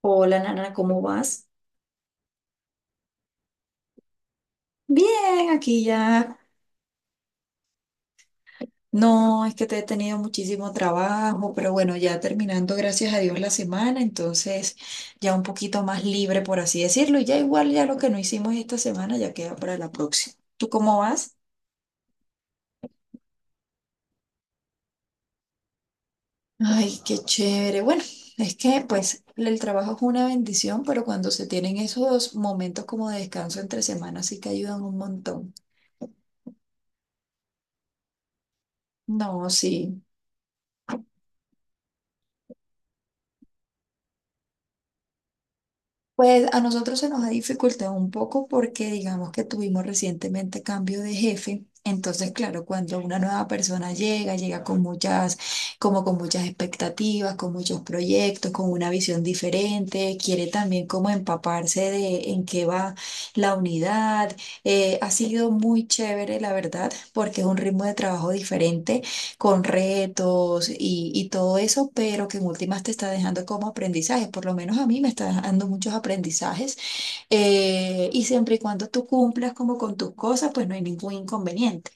Hola, Nana, ¿cómo vas? Bien, aquí ya. No, es que te he tenido muchísimo trabajo, pero bueno, ya terminando, gracias a Dios, la semana, entonces ya un poquito más libre, por así decirlo, y ya igual ya lo que no hicimos esta semana ya queda para la próxima. ¿Tú cómo vas? Ay, qué chévere. Bueno, es que pues el trabajo es una bendición, pero cuando se tienen esos momentos como de descanso entre semanas sí que ayudan un montón. No, sí. Pues a nosotros se nos ha dificultado un poco porque digamos que tuvimos recientemente cambio de jefe. Entonces, claro, cuando una nueva persona llega, llega con muchas, como con muchas expectativas, con muchos proyectos, con una visión diferente, quiere también como empaparse de en qué va la unidad. Ha sido muy chévere, la verdad, porque es un ritmo de trabajo diferente con retos y todo eso, pero que en últimas te está dejando como aprendizajes, por lo menos a mí me está dejando muchos aprendizajes, y siempre y cuando tú cumplas como con tus cosas, pues no hay ningún inconveniente.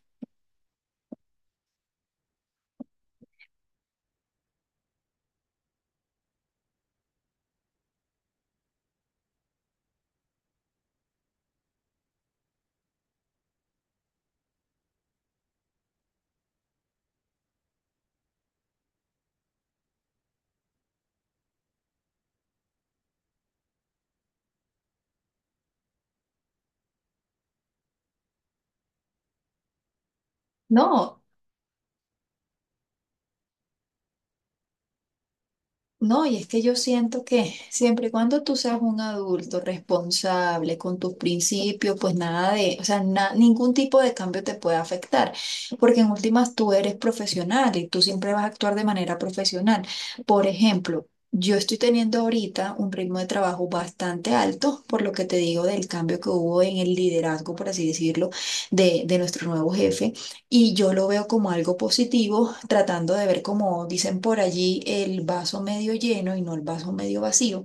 No. No, y es que yo siento que siempre y cuando tú seas un adulto responsable con tus principios, pues nada de, o sea, na- ningún tipo de cambio te puede afectar, porque en últimas tú eres profesional y tú siempre vas a actuar de manera profesional. Por ejemplo, yo estoy teniendo ahorita un ritmo de trabajo bastante alto, por lo que te digo del cambio que hubo en el liderazgo, por así decirlo, de nuestro nuevo jefe. Y yo lo veo como algo positivo, tratando de ver, como dicen por allí, el vaso medio lleno y no el vaso medio vacío.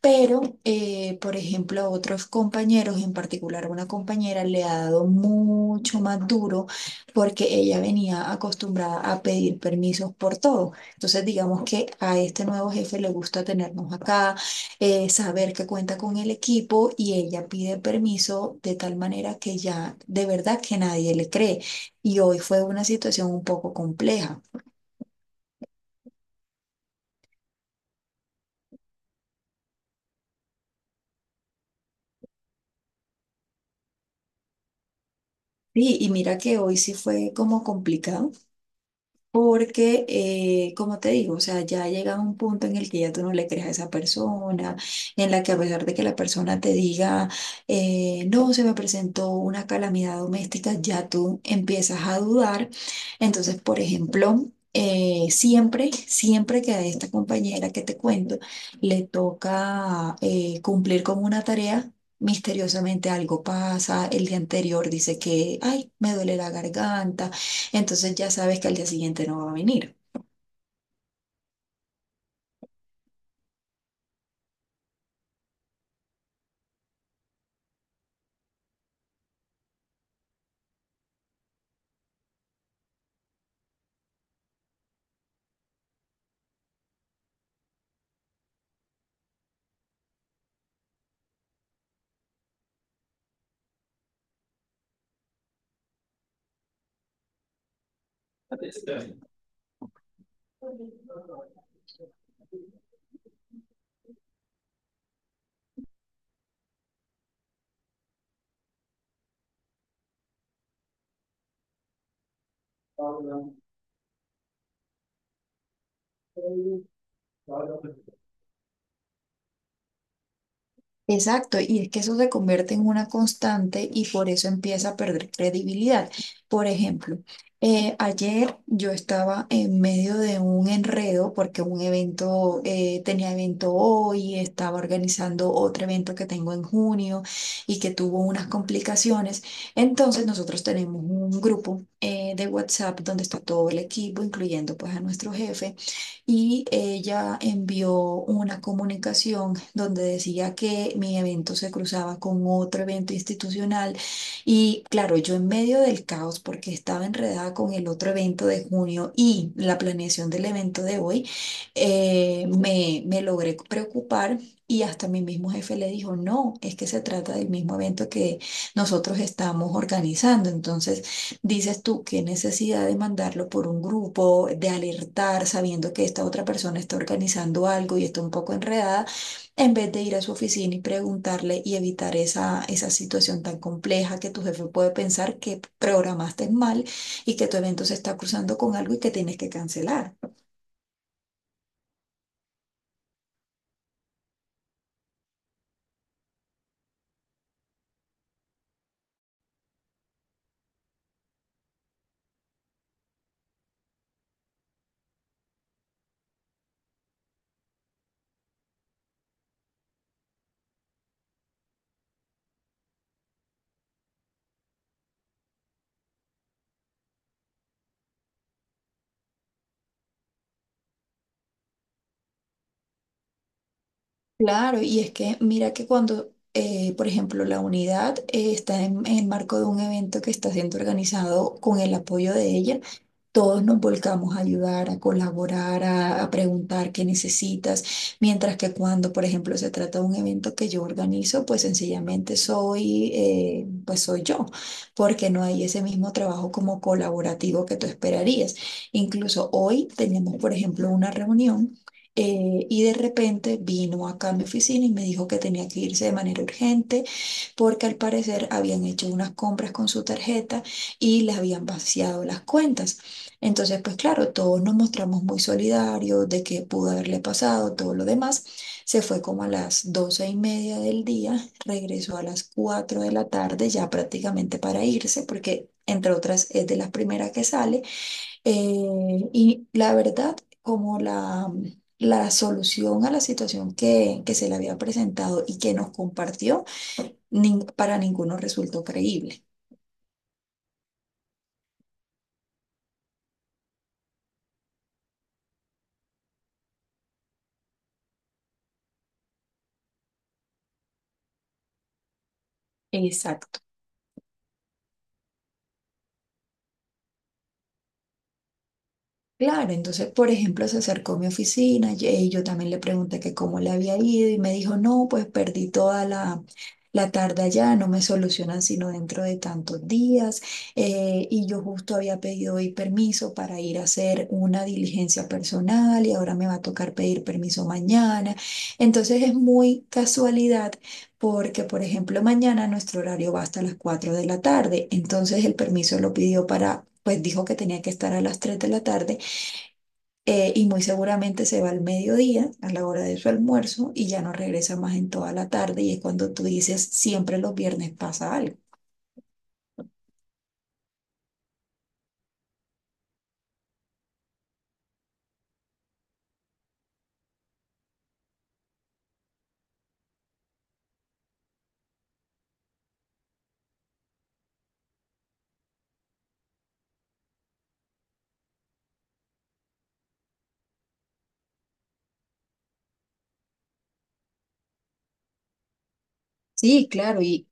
Pero, por ejemplo, a otros compañeros, en particular una compañera, le ha dado mucho más duro porque ella venía acostumbrada a pedir permisos por todo. Entonces, digamos que a este nuevo jefe le gusta tenernos acá, saber que cuenta con el equipo y ella pide permiso de tal manera que ya de verdad que nadie le cree. Y hoy fue una situación un poco compleja. Sí, y mira que hoy sí fue como complicado. Porque, como te digo, o sea, ya llega un punto en el que ya tú no le crees a esa persona, en la que a pesar de que la persona te diga, no, se me presentó una calamidad doméstica, ya tú empiezas a dudar. Entonces, por ejemplo, siempre, siempre que a esta compañera que te cuento le toca cumplir con una tarea, misteriosamente algo pasa, el día anterior dice que, ay, me duele la garganta, entonces ya sabes que al día siguiente no va a venir. Exacto, y es que eso se convierte en una constante y por eso empieza a perder credibilidad. Por ejemplo, ayer yo estaba en medio de un enredo porque un evento, tenía evento hoy, estaba organizando otro evento que tengo en junio y que tuvo unas complicaciones. Entonces nosotros tenemos un grupo de WhatsApp donde está todo el equipo, incluyendo pues a nuestro jefe. Y ella envió una comunicación donde decía que mi evento se cruzaba con otro evento institucional, y claro, yo en medio del caos porque estaba enredada con el otro evento de junio y la planeación del evento de hoy, me logré preocupar. Y hasta mi mismo jefe le dijo, no, es que se trata del mismo evento que nosotros estamos organizando. Entonces, dices tú, qué necesidad de mandarlo por un grupo, de alertar sabiendo que esta otra persona está organizando algo y está un poco enredada, en vez de ir a su oficina y preguntarle y evitar esa situación tan compleja que tu jefe puede pensar que programaste mal y que tu evento se está cruzando con algo y que tienes que cancelar. Claro, y es que mira que cuando, por ejemplo, la unidad está en el marco de un evento que está siendo organizado con el apoyo de ella, todos nos volcamos a ayudar, a colaborar, a preguntar qué necesitas, mientras que cuando, por ejemplo, se trata de un evento que yo organizo, pues sencillamente soy, pues soy yo, porque no hay ese mismo trabajo como colaborativo que tú esperarías. Incluso hoy tenemos, por ejemplo, una reunión. Y de repente vino acá a mi oficina y me dijo que tenía que irse de manera urgente porque al parecer habían hecho unas compras con su tarjeta y les habían vaciado las cuentas. Entonces, pues claro, todos nos mostramos muy solidarios de qué pudo haberle pasado, todo lo demás. Se fue como a las doce y media del día, regresó a las cuatro de la tarde ya prácticamente para irse, porque entre otras es de las primeras que sale. Y la verdad, como la solución a la situación que se le había presentado y que nos compartió, nin- para ninguno resultó creíble. Exacto. Claro, entonces, por ejemplo, se acercó a mi oficina y yo también le pregunté que cómo le había ido y me dijo, no, pues perdí toda la tarde allá, no me solucionan sino dentro de tantos días. Y yo justo había pedido hoy permiso para ir a hacer una diligencia personal y ahora me va a tocar pedir permiso mañana. Entonces es muy casualidad porque, por ejemplo, mañana nuestro horario va hasta las 4 de la tarde, entonces el permiso lo pidió para... Pues dijo que tenía que estar a las 3 de la tarde, y muy seguramente se va al mediodía, a la hora de su almuerzo, y ya no regresa más en toda la tarde, y es cuando tú dices, siempre los viernes pasa algo. Sí, claro, y.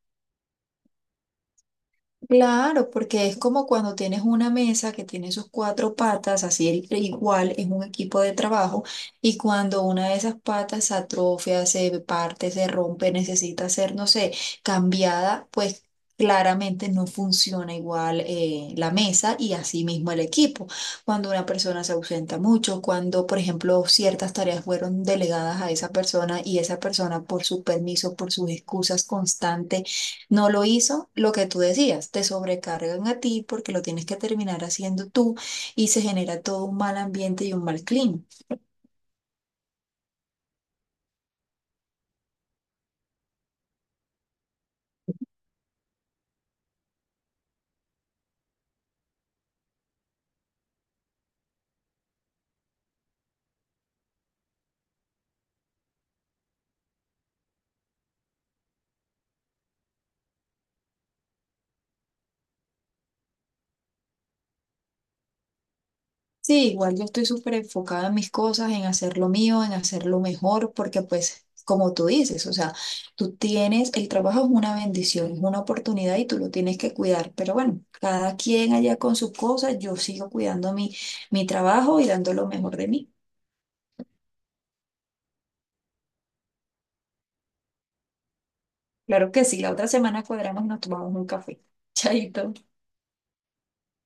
Claro, porque es como cuando tienes una mesa que tiene sus cuatro patas, así el- igual es un equipo de trabajo, y cuando una de esas patas se atrofia, se parte, se rompe, necesita ser, no sé, cambiada, pues claramente no funciona igual la mesa y así mismo el equipo. Cuando una persona se ausenta mucho, cuando, por ejemplo, ciertas tareas fueron delegadas a esa persona y esa persona por su permiso, por sus excusas constantes, no lo hizo, lo que tú decías, te sobrecargan a ti porque lo tienes que terminar haciendo tú y se genera todo un mal ambiente y un mal clima. Sí, igual yo estoy súper enfocada en mis cosas, en hacer lo mío, en hacerlo mejor, porque pues, como tú dices, o sea, tú tienes, el trabajo es una bendición, es una oportunidad y tú lo tienes que cuidar, pero bueno, cada quien allá con sus cosas, yo sigo cuidando mi trabajo y dando lo mejor de mí. Claro que sí, la otra semana cuadramos y nos tomamos un café. Chaito.